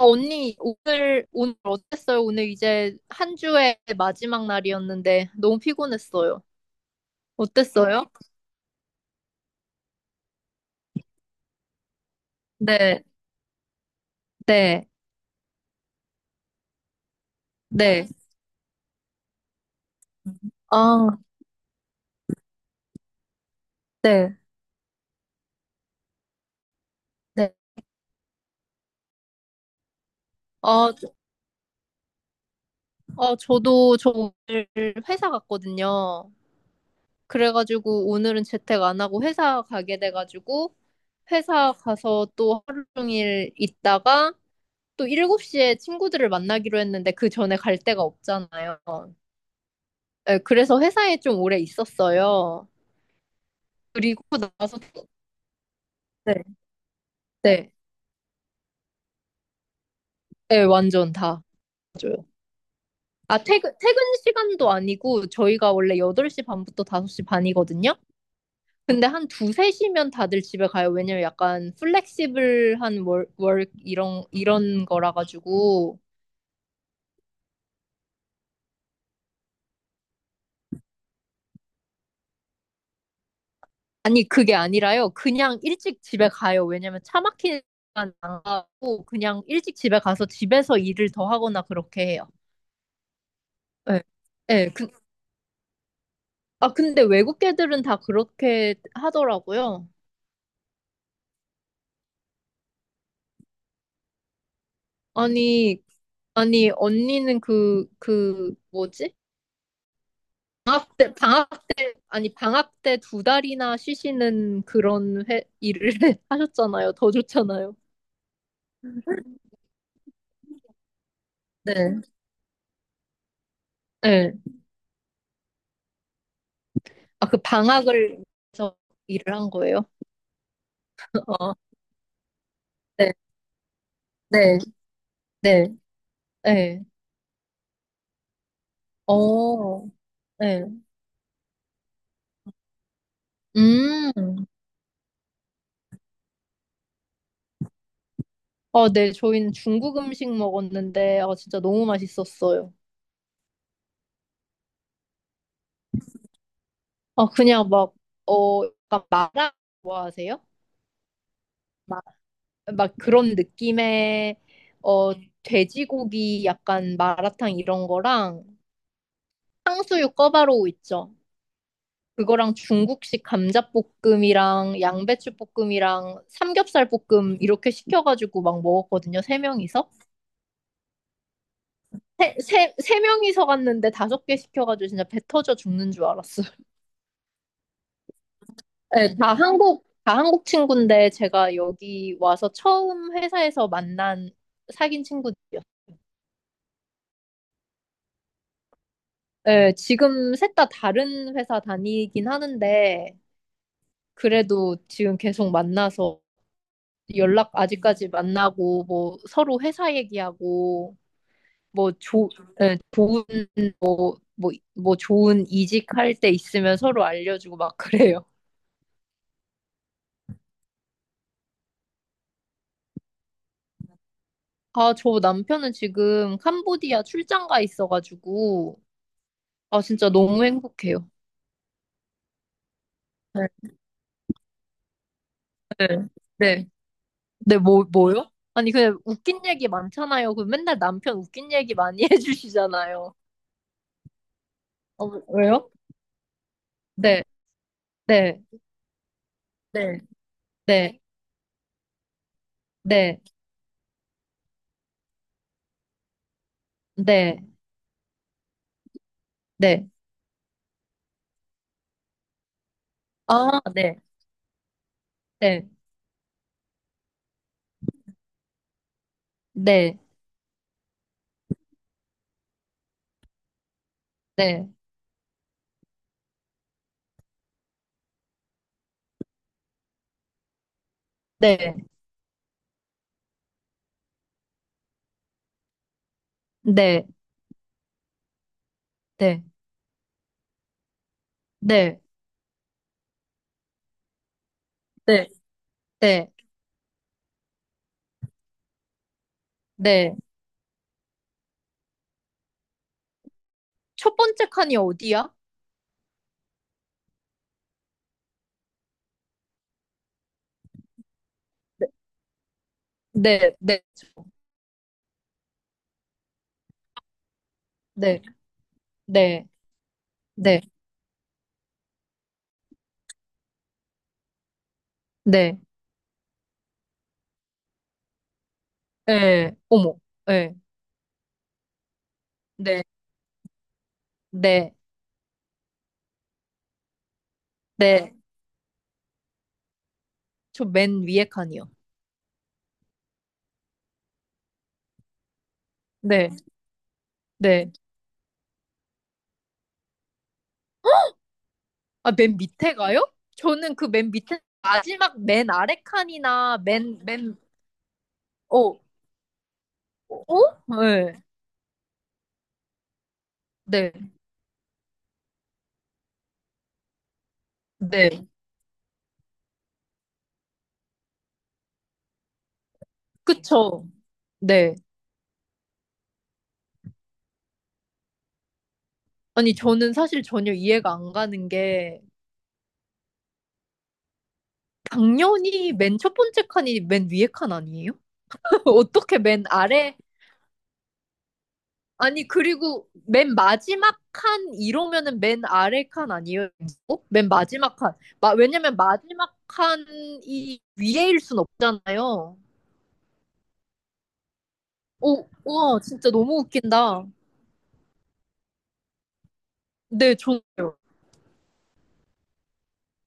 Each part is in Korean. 언니, 오늘 어땠어요? 오늘 이제 한 주의 마지막 날이었는데 너무 피곤했어요. 어땠어요? 네, 네, 네. 아, 네, 네. 아, 저- 아, 저도 오늘 회사 갔거든요. 그래가지고 오늘은 재택 안 하고 회사 가게 돼가지고 회사 가서 또 하루 종일 있다가 또 7시에 친구들을 만나기로 했는데 그 전에 갈 데가 없잖아요. 네, 그래서 회사에 좀 오래 있었어요. 그리고 나서 네. 네, 네, 완전 다 맞아요. 아, 퇴근 시간도 아니고 저희가 원래 8시 반부터 5시 반이거든요. 근데 한 2, 3시면 다들 집에 가요. 왜냐면 약간 플렉시블한 월 이런 거라 가지고 아니 그게 아니라요. 그냥 일찍 집에 가요. 왜냐면 차 막히는 시간 안 가고 그냥 일찍 집에 가서 집에서 일을 더 하거나 그렇게 해요. 네. 네, 아 근데 외국 애들은 다 그렇게 하더라고요. 아니, 아니, 언니는 뭐지? 방학 때, 방학, 아니, 방학 때 두 달이나 쉬시는 그런 일을 하셨잖아요. 더 좋잖아요. 네. 네. 아, 그 방학을 해서 일을 한 거예요? 어, 네, 네, 네, 네. 어, 네. 음. 아, 네. 저희는 중국 음식 먹었는데, 아, 진짜 너무 맛있었어요. 아, 그냥 막, 어, 약간 마라 좋아하세요? 막 그런 느낌의 어 돼지고기 약간 마라탕 이런 거랑 탕수육 꿔바로우 있죠. 그거랑 중국식 감자볶음이랑 양배추볶음이랑 삼겹살 볶음 이렇게 시켜가지고 막 먹었거든요. 세 명이서. 세 명이서 갔는데 다섯 개 시켜가지고 진짜 배 터져 죽는 줄 알았어요. 네, 다 한국 친구인데 제가 여기 와서 처음 회사에서 만난 사귄 친구들이요. 었어 네, 지금 셋 다 다른 회사 다니긴 하는데, 그래도 지금 계속 만나서 연락 아직까지 만나고, 뭐 서로 회사 얘기하고, 뭐 조, 네, 뭐 좋은 이직할 때 있으면 서로 알려주고 막 그래요. 아, 저 남편은 지금 캄보디아 출장 가 있어가지고, 아, 진짜 너무 행복해요. 네. 네. 네, 뭐요? 아니, 그냥 웃긴 얘기 많잖아요. 그 맨날 남편 웃긴 얘기 많이 해주시잖아요. 어, 왜요? 네, 네, 네, 네, 네, 네, 네. 아, 네, 네, 네, 네, 네, 네, 네, 네, 네, 네, 네. 첫 번째 칸이 어디야? 네, 네, 네, 네, 네, 네, 네, 네, 어머, 네, 네, 네, 네. 저 맨 위에 칸이요. 네, 네. 아, 맨 밑에 가요? 저는 그 맨 밑에 마지막 맨 아래 칸이나 맨, 맨, 어, 어? 네, 네, 네. 그쵸. 네. 아니, 저는 사실 전혀 이해가 안 가는 게, 당연히 맨 첫 번째 칸이 맨 위에 칸 아니에요? 어떻게 맨 아래? 아니, 그리고 맨 마지막 칸 이러면은 맨 아래 칸 아니에요? 어? 맨 마지막 칸. 왜냐면 마지막 칸이 위에일 순 없잖아요. 오, 우와, 진짜 너무 웃긴다. 네, 좋네요.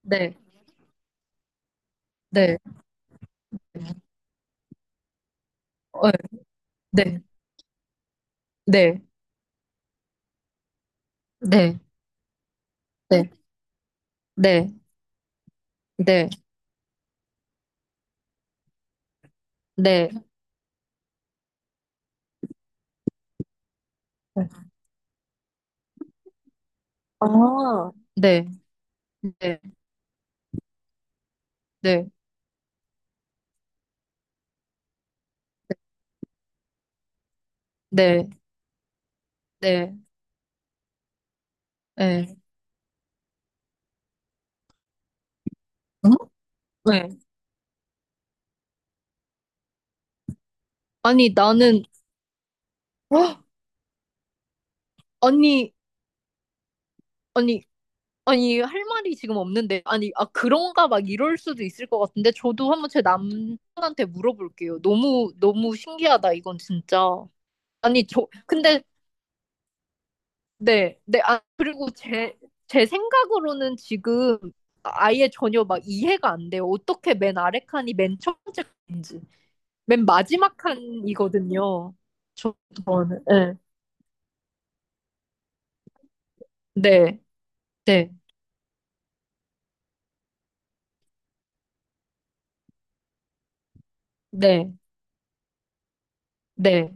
네, 네, 어, 네, 네, 네, 네, 네, 네, 네, 아, 네, 네, 네, 네, 네, 네, 응? 네. 아니, 나는, 헉! 아니, 아니, 아니, 할 말이 지금 없는데, 아니, 아, 그런가 막 이럴 수도 있을 것 같은데, 저도 한번 제 남편한테 물어볼게요. 너무, 너무 신기하다, 이건 진짜. 아니, 저, 근데 네, 네, 아, 그리고 제 생각으로는 지금 아예 전혀 막 이해가 안 돼요. 어떻게 맨 아래 칸이 맨 첫 번째 칸인지. 맨 마지막 칸이거든요. 저- 저는, 네, 네, 네, 네, 네,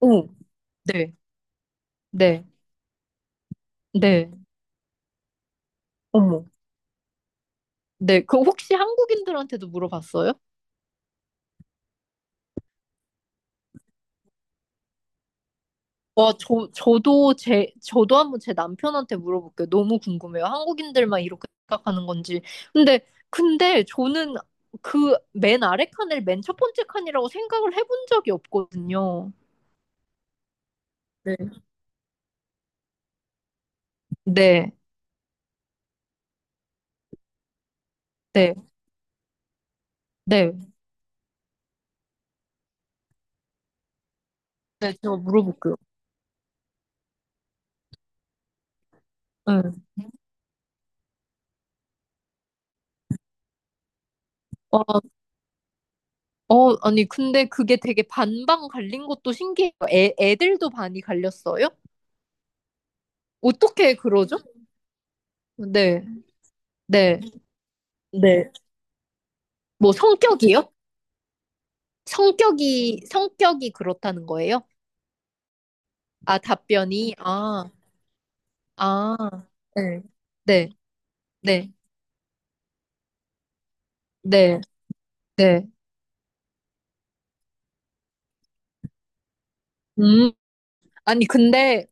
오, 네, 네, 네, 어머. 네, 그 혹시 한국인들한테도 물어봤어요? 와, 저도 한번 제 남편한테 물어볼게요. 너무 궁금해요. 한국인들만 이렇게 생각하는 건지. 근데, 근데 저는 그 맨 아래 칸을 맨 첫 번째 칸이라고 생각을 해본 적이 없거든요. 네. 네, 네, 네. 네, 제가 물어볼게요. 네. 어, 어, 아니, 근데 그게 되게 반반 갈린 것도 신기해요. 애들도 반이 갈렸어요? 어떻게 그러죠? 네, 네, 네. 뭐 성격이요? 성격이 그렇다는 거예요? 아, 아, 아, 네, 네, 네, 네, 네. 음, 아니, 근데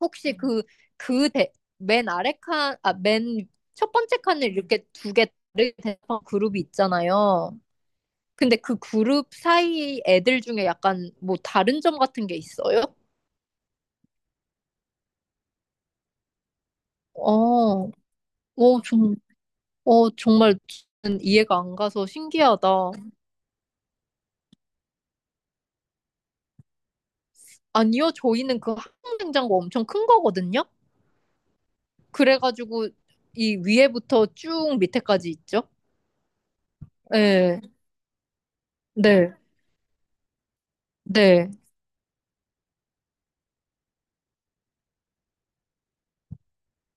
혹시 그 맨 아래 칸, 아, 맨 첫 번째 칸을 이렇게 두 개 다르게 된 그룹이 있잖아요. 근데 그 그룹 사이 애들 중에 약간 뭐 다른 점 같은 게 있어요? 어, 어, 좀, 어, 정말 저는 이해가 안 가서 신기하다. 아니요, 저희는 그 항공 냉장고 엄청 큰 거거든요. 그래가지고 이 위에부터 쭉 밑에까지 있죠. 네, 네, 네,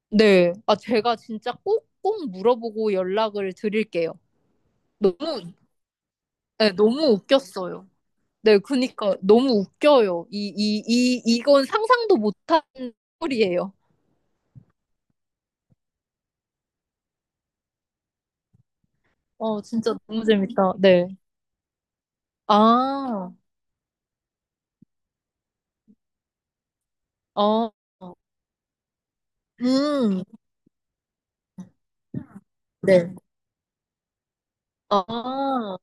네. 아, 제가 진짜 꼭꼭 물어보고 연락을 드릴게요. 너무, 네, 너무 웃겼어요. 네, 그니까 너무 웃겨요. 이건 상상도 못한 소리예요. 어, 진짜 너무 재밌다. 네. 아, 어, 음, 네. 아.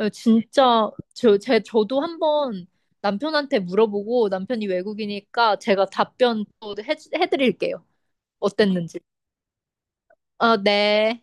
예, 진짜 저도 한번 남편한테 물어보고 남편이 외국이니까 제가 답변 또 해드릴게요. 어땠는지. 아, 네.